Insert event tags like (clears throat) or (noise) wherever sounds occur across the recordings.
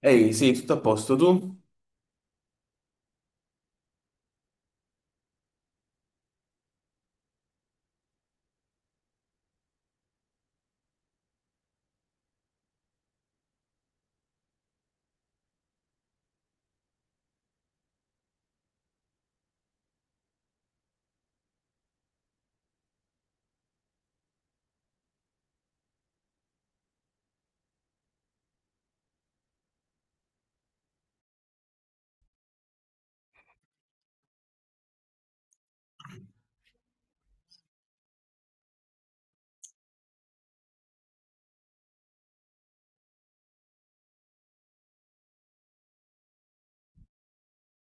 Ehi, sì, tutto a posto, tu?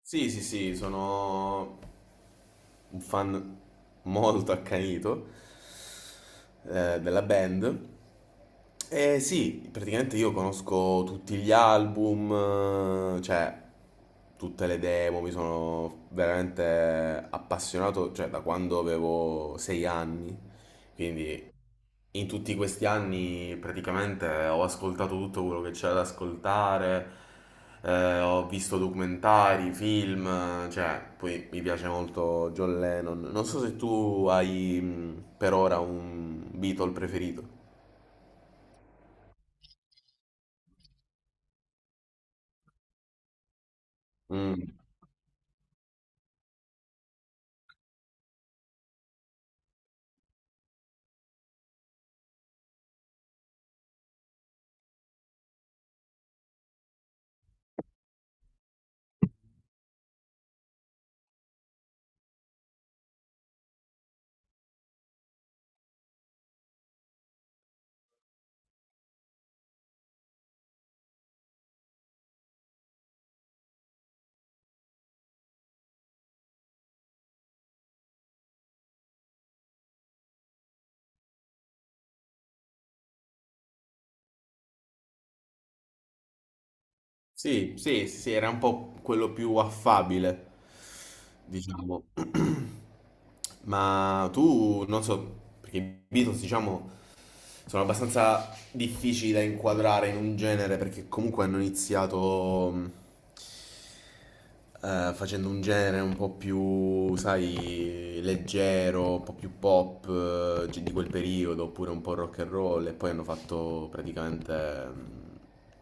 Sì, sì, sì, sono un fan molto accanito della band. E sì, praticamente io conosco tutti gli album, cioè tutte le demo, mi sono veramente appassionato, cioè da quando avevo 6 anni. Quindi in tutti questi anni praticamente ho ascoltato tutto quello che c'era da ascoltare, ho visto documentari, film, cioè poi mi piace molto John Lennon. Non so se tu hai per ora un Beatle preferito. Mm. Sì, sì, sì, era un po' quello più affabile, diciamo. (clears throat) Ma tu, non so, perché i Beatles, diciamo... sono abbastanza difficili da inquadrare in un genere perché comunque hanno iniziato facendo un genere un po' più, sai, leggero, un po' più pop di quel periodo, oppure un po' rock and roll e poi hanno fatto praticamente mh,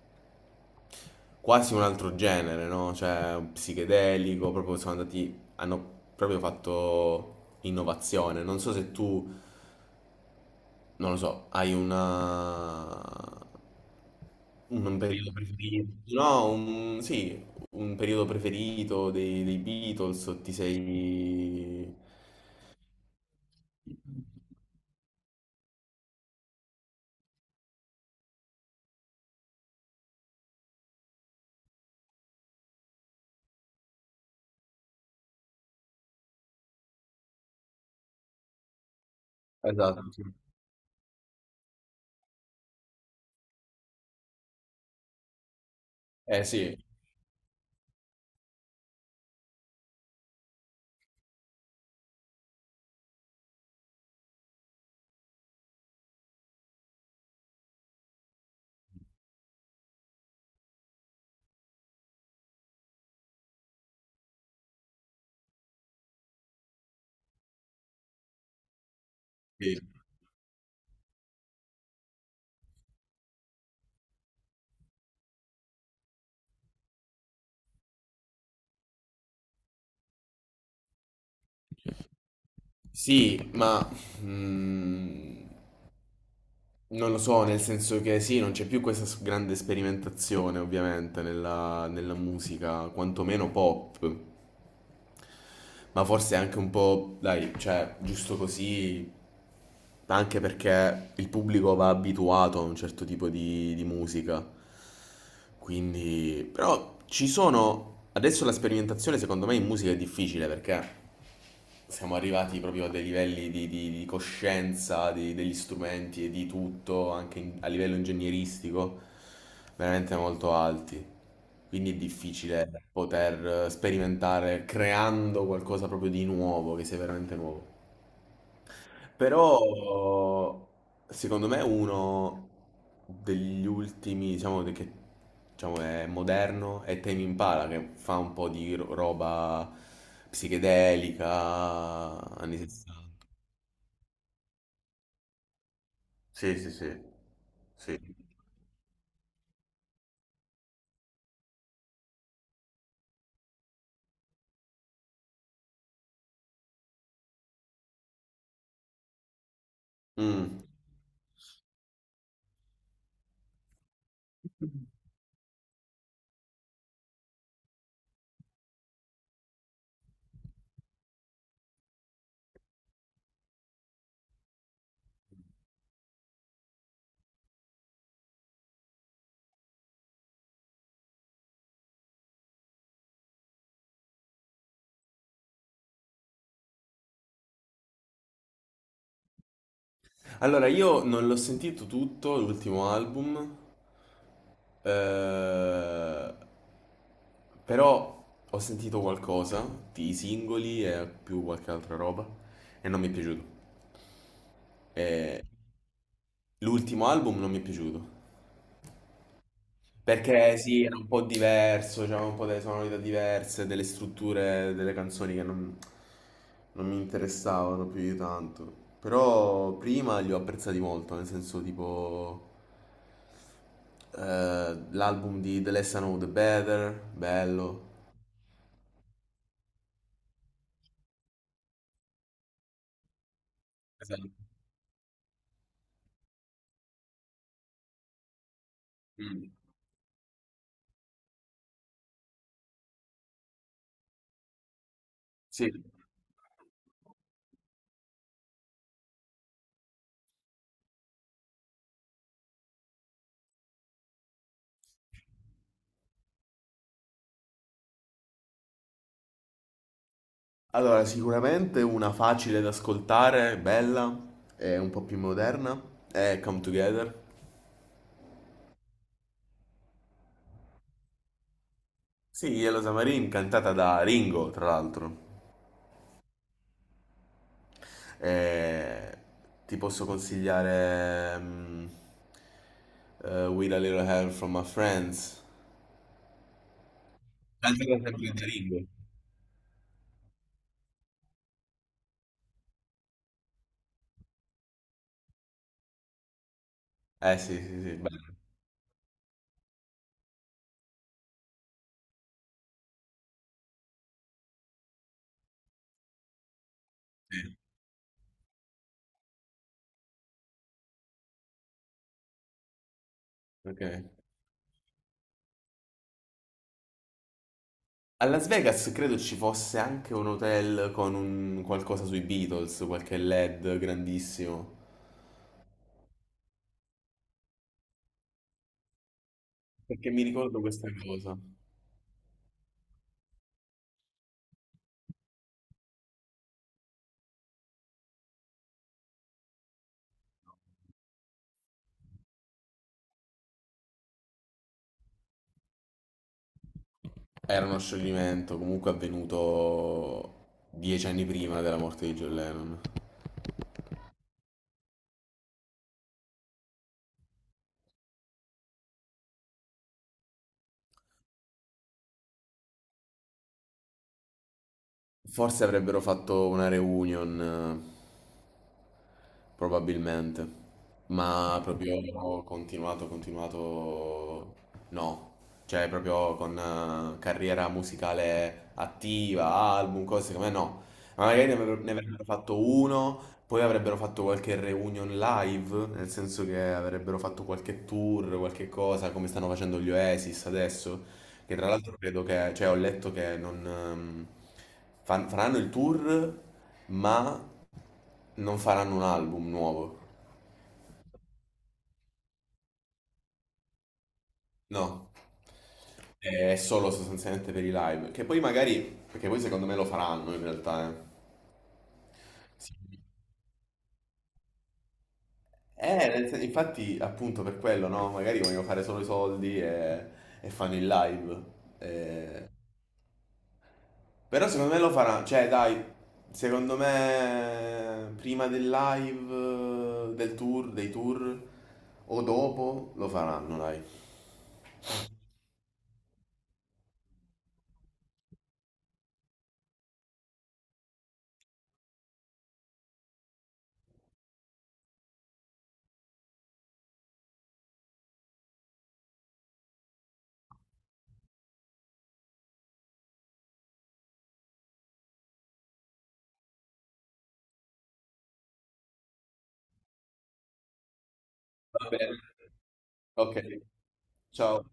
quasi un altro genere, no? Cioè, un psichedelico, proprio sono andati, hanno proprio fatto innovazione. Non so se tu, non lo so, hai una un periodo preferito, no, un, sì, un periodo preferito dei Beatles, o ti sei... Esatto, sì. Eh sì, sì. Sì, ma mm, non lo so, nel senso che sì, non c'è più questa s- grande sperimentazione ovviamente nella musica, quantomeno pop. Ma forse anche un po', dai, cioè, giusto così, anche perché il pubblico va abituato a un certo tipo di musica. Quindi, però ci sono, adesso la sperimentazione secondo me in musica è difficile perché siamo arrivati proprio a dei livelli di coscienza di- degli strumenti e di tutto, anche in- a livello ingegneristico, veramente molto alti. Quindi è difficile poter sperimentare creando qualcosa proprio di nuovo, che sia veramente nuovo. Però secondo me è uno degli ultimi, diciamo, de- che diciamo, è moderno, è Tame Impala che fa un po' di ro- roba psichedelica, anni 60. Sì, sì, sì. Sì. Mm. Allora, io non l'ho sentito tutto, l'ultimo album, eh, però ho sentito qualcosa di singoli e più qualche altra roba e non mi è piaciuto. Eh, l'ultimo album non mi è piaciuto. Perché sì, era un po' diverso, c'era un po' delle sonorità diverse, delle strutture delle canzoni che non, non mi interessavano più di tanto. Però prima li ho apprezzati molto, nel senso tipo l'album di The Less I Know The Better, bello. Esatto. Mm. Sì. Allora, sicuramente una facile da ascoltare, bella, e un po' più moderna, è Come Together. Sì, Yellow Submarine cantata da Ringo, tra l'altro. Eh, ti posso consigliare With a Little Help from My Friends. Cantata sempre da Ringo. Eh sì, sì, sì, bello, sì, ok. A Las Vegas credo ci fosse anche un hotel con un qualcosa sui Beatles, qualche LED grandissimo. Perché mi ricordo questa cosa. Era uno scioglimento comunque avvenuto 10 anni prima della morte di John Lennon. Forse avrebbero fatto una reunion, probabilmente, ma proprio continuato, continuato, no, cioè proprio con carriera musicale attiva, album, cose come no. Ma magari ne avrebbero fatto uno, poi avrebbero fatto qualche reunion live, nel senso che avrebbero fatto qualche tour, qualche cosa, come stanno facendo gli Oasis adesso. Che tra l'altro credo che, cioè ho letto che non fan- faranno il tour, ma non faranno un album nuovo. No, è solo sostanzialmente per i live. Che poi magari, perché poi secondo me lo faranno in realtà, eh. Sì. Nel sen- infatti appunto per quello, no? Magari vogliono fare solo i soldi e fanno il live. Eh, Però secondo me lo farà, cioè dai, secondo me prima del live, del tour, dei tour, o dopo lo faranno, dai. Va bene. Ok, ciao.